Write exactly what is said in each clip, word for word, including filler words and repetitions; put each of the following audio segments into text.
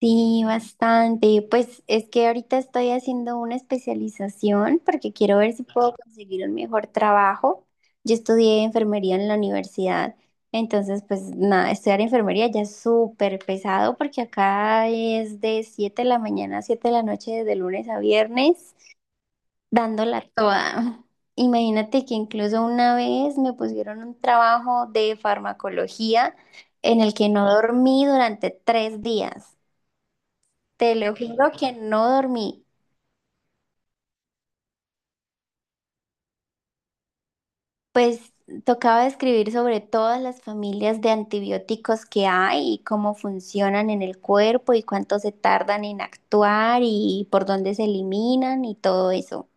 Sí, bastante. Pues es que ahorita estoy haciendo una especialización porque quiero ver si puedo conseguir un mejor trabajo. Yo estudié enfermería en la universidad, entonces pues nada, estudiar enfermería ya es súper pesado porque acá es de siete de la mañana a siete de la noche, de lunes a viernes, dándola toda. Imagínate que incluso una vez me pusieron un trabajo de farmacología en el que no dormí durante tres días. Te lo juro que no dormí. Pues tocaba escribir sobre todas las familias de antibióticos que hay y cómo funcionan en el cuerpo y cuánto se tardan en actuar y por dónde se eliminan y todo eso.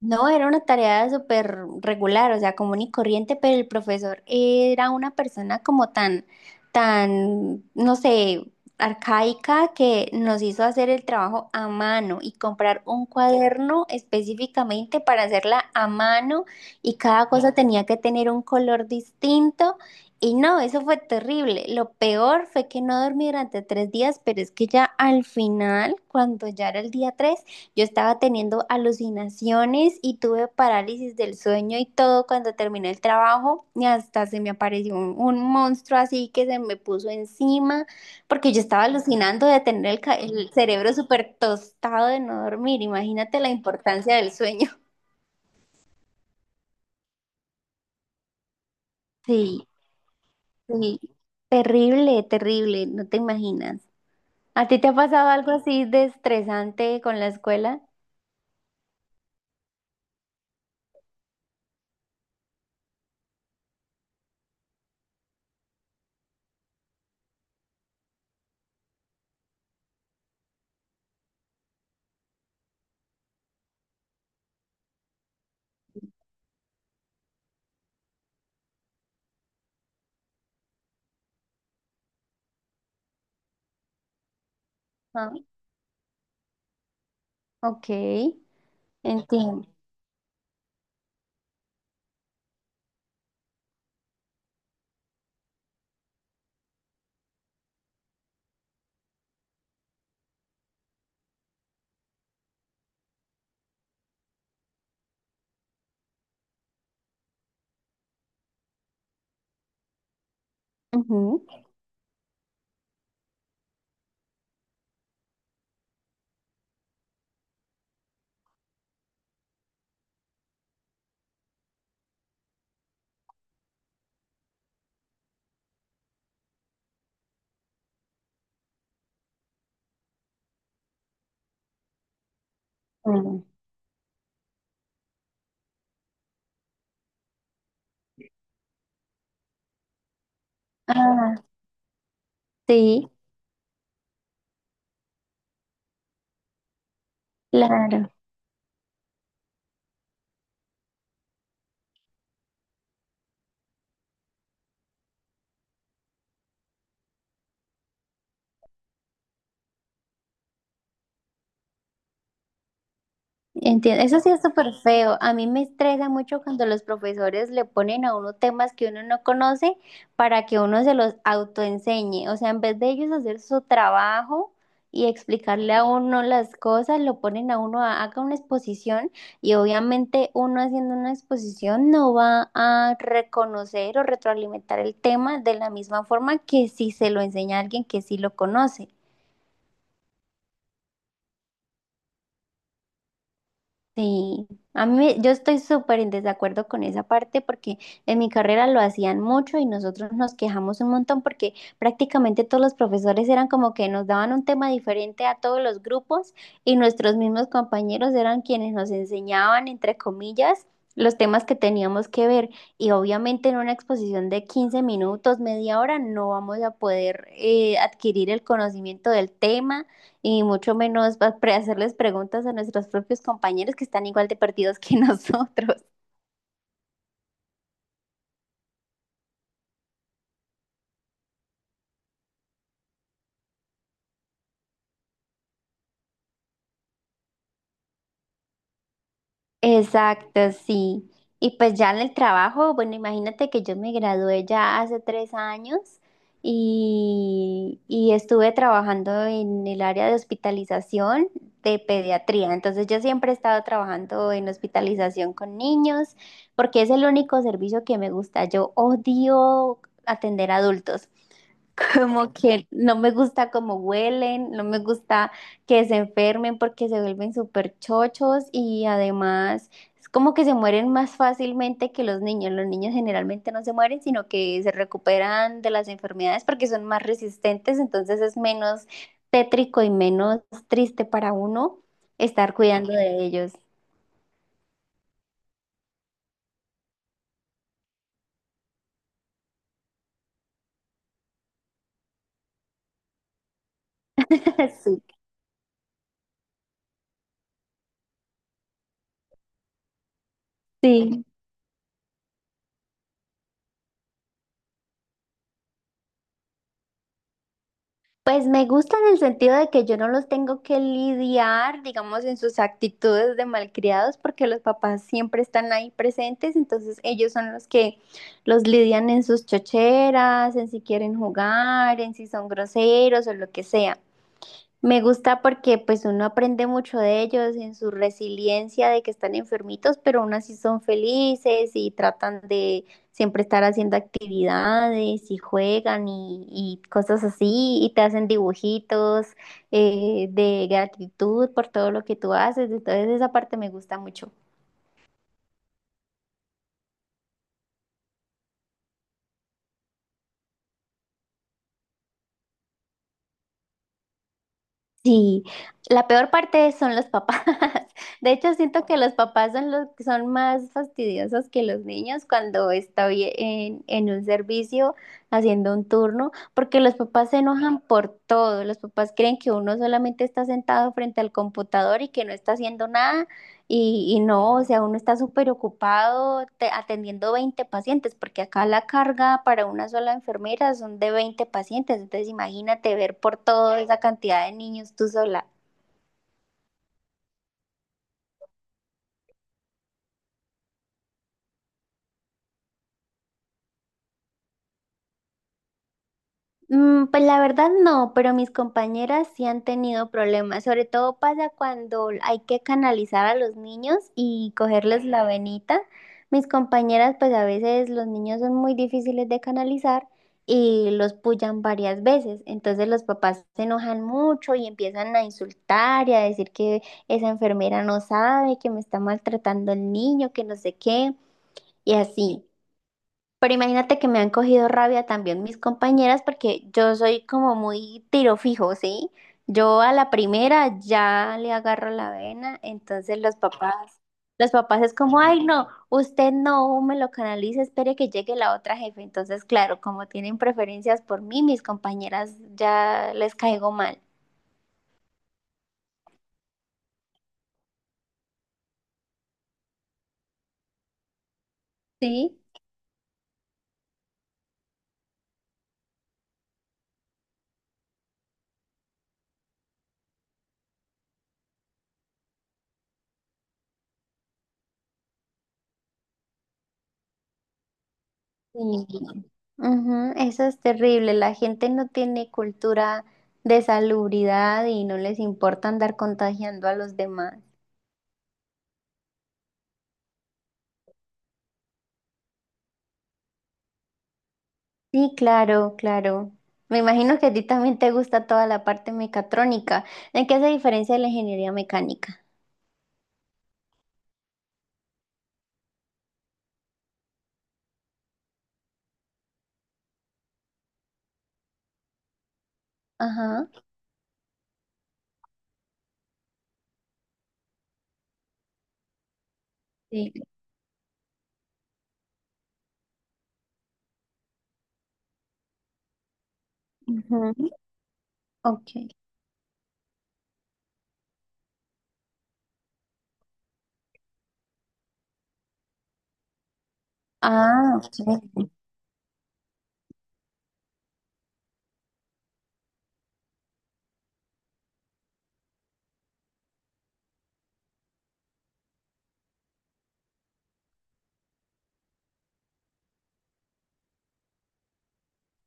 No, era una tarea súper regular, o sea, común y corriente, pero el profesor era una persona como tan, tan, no sé, arcaica que nos hizo hacer el trabajo a mano y comprar un cuaderno específicamente para hacerla a mano y cada cosa tenía que tener un color distinto. Y no, eso fue terrible. Lo peor fue que no dormí durante tres días, pero es que ya al final, cuando ya era el día tres, yo estaba teniendo alucinaciones y tuve parálisis del sueño y todo cuando terminé el trabajo y hasta se me apareció un, un monstruo así que se me puso encima porque yo estaba alucinando de tener el, ca- el cerebro súper tostado de no dormir. Imagínate la importancia del sueño. Sí, sí. Terrible, terrible, no te imaginas. ¿A ti te ha pasado algo así de estresante con la escuela? Ah, ok, entiendo. Ujú. Mm. Ah, sí. Claro, entiendo. Eso sí es súper feo. A mí me estresa mucho cuando los profesores le ponen a uno temas que uno no conoce para que uno se los autoenseñe. O sea, en vez de ellos hacer su trabajo y explicarle a uno las cosas, lo ponen a uno a haga una exposición y obviamente uno haciendo una exposición no va a reconocer o retroalimentar el tema de la misma forma que si se lo enseña a alguien que sí lo conoce. Sí, a mí me- yo estoy súper en desacuerdo con esa parte porque en mi carrera lo hacían mucho y nosotros nos quejamos un montón porque prácticamente todos los profesores eran como que nos daban un tema diferente a todos los grupos y nuestros mismos compañeros eran quienes nos enseñaban, entre comillas, los temas que teníamos que ver y obviamente en una exposición de quince minutos, media hora, no vamos a poder eh, adquirir el conocimiento del tema y mucho menos va- pre- hacerles preguntas a nuestros propios compañeros que están igual de perdidos que nosotros. Exacto, sí. Y pues ya en el trabajo, bueno, imagínate que yo me gradué ya hace tres años y, y estuve trabajando en el área de hospitalización de pediatría. Entonces yo siempre he estado trabajando en hospitalización con niños porque es el único servicio que me gusta. Yo odio atender adultos. Como que no me gusta cómo huelen, no me gusta que se enfermen porque se vuelven súper chochos y además es como que se mueren más fácilmente que los niños. Los niños generalmente no se mueren, sino que se recuperan de las enfermedades porque son más resistentes, entonces es menos tétrico y menos triste para uno estar cuidando de ellos. Sí, sí. Pues me gusta en el sentido de que yo no los tengo que lidiar, digamos, en sus actitudes de malcriados, porque los papás siempre están ahí presentes, entonces ellos son los que los lidian en sus chocheras, en si quieren jugar, en si son groseros o lo que sea. Me gusta porque pues uno aprende mucho de ellos en su resiliencia de que están enfermitos, pero aún así son felices y tratan de siempre estar haciendo actividades y juegan y, y cosas así y te hacen dibujitos eh, de gratitud por todo lo que tú haces. Entonces esa parte me gusta mucho. Sí, la peor parte son los papás. De hecho, siento que los papás son los que son más fastidiosos que los niños cuando estoy en, en un servicio haciendo un turno, porque los papás se enojan por todo. Los papás creen que uno solamente está sentado frente al computador y que no está haciendo nada y, y no, o sea, uno está súper ocupado te- atendiendo veinte pacientes, porque acá la carga para una sola enfermera son de veinte pacientes, entonces imagínate ver por toda esa cantidad de niños tú sola. Mm, pues la verdad no, pero mis compañeras sí han tenido problemas. Sobre todo pasa cuando hay que canalizar a los niños y cogerles la venita. Mis compañeras, pues a veces los niños son muy difíciles de canalizar y los pullan varias veces. Entonces los papás se enojan mucho y empiezan a insultar y a decir que esa enfermera no sabe, que me está maltratando el niño, que no sé qué, y así. Pero imagínate que me han cogido rabia también mis compañeras porque yo soy como muy tiro fijo, ¿sí? Yo a la primera ya le agarro la vena, entonces los papás, los papás es como, ay, no, usted no me lo canalice, espere que llegue la otra jefe. Entonces, claro, como tienen preferencias por mí, mis compañeras ya les caigo mal, ¿sí? Sí. Ujú, eso es terrible. La gente no tiene cultura de salubridad y no les importa andar contagiando a los demás. Sí, claro, claro. Me imagino que a ti también te gusta toda la parte mecatrónica. ¿En qué se diferencia de la ingeniería mecánica? Ajá. Sí. Ujú, ok. Ah,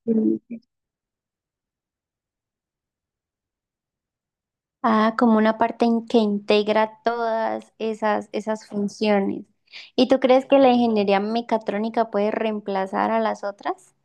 ok. Ah, como una parte en que integra todas esas, esas funciones. ¿Y tú crees que la ingeniería mecatrónica puede reemplazar a las otras?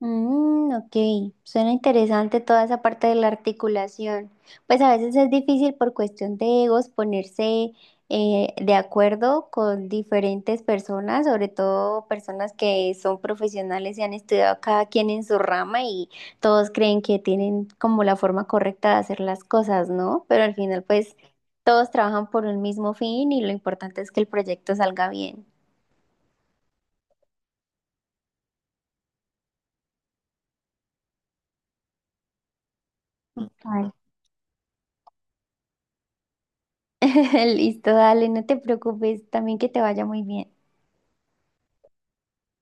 Mm, ok, suena interesante toda esa parte de la articulación. Pues a veces es difícil por cuestión de egos ponerse eh, de acuerdo con diferentes personas, sobre todo personas que son profesionales y han estudiado cada quien en su rama y todos creen que tienen como la forma correcta de hacer las cosas, ¿no? Pero al final pues todos trabajan por un mismo fin y lo importante es que el proyecto salga bien. Ay, listo, dale, no te preocupes, también que te vaya muy bien.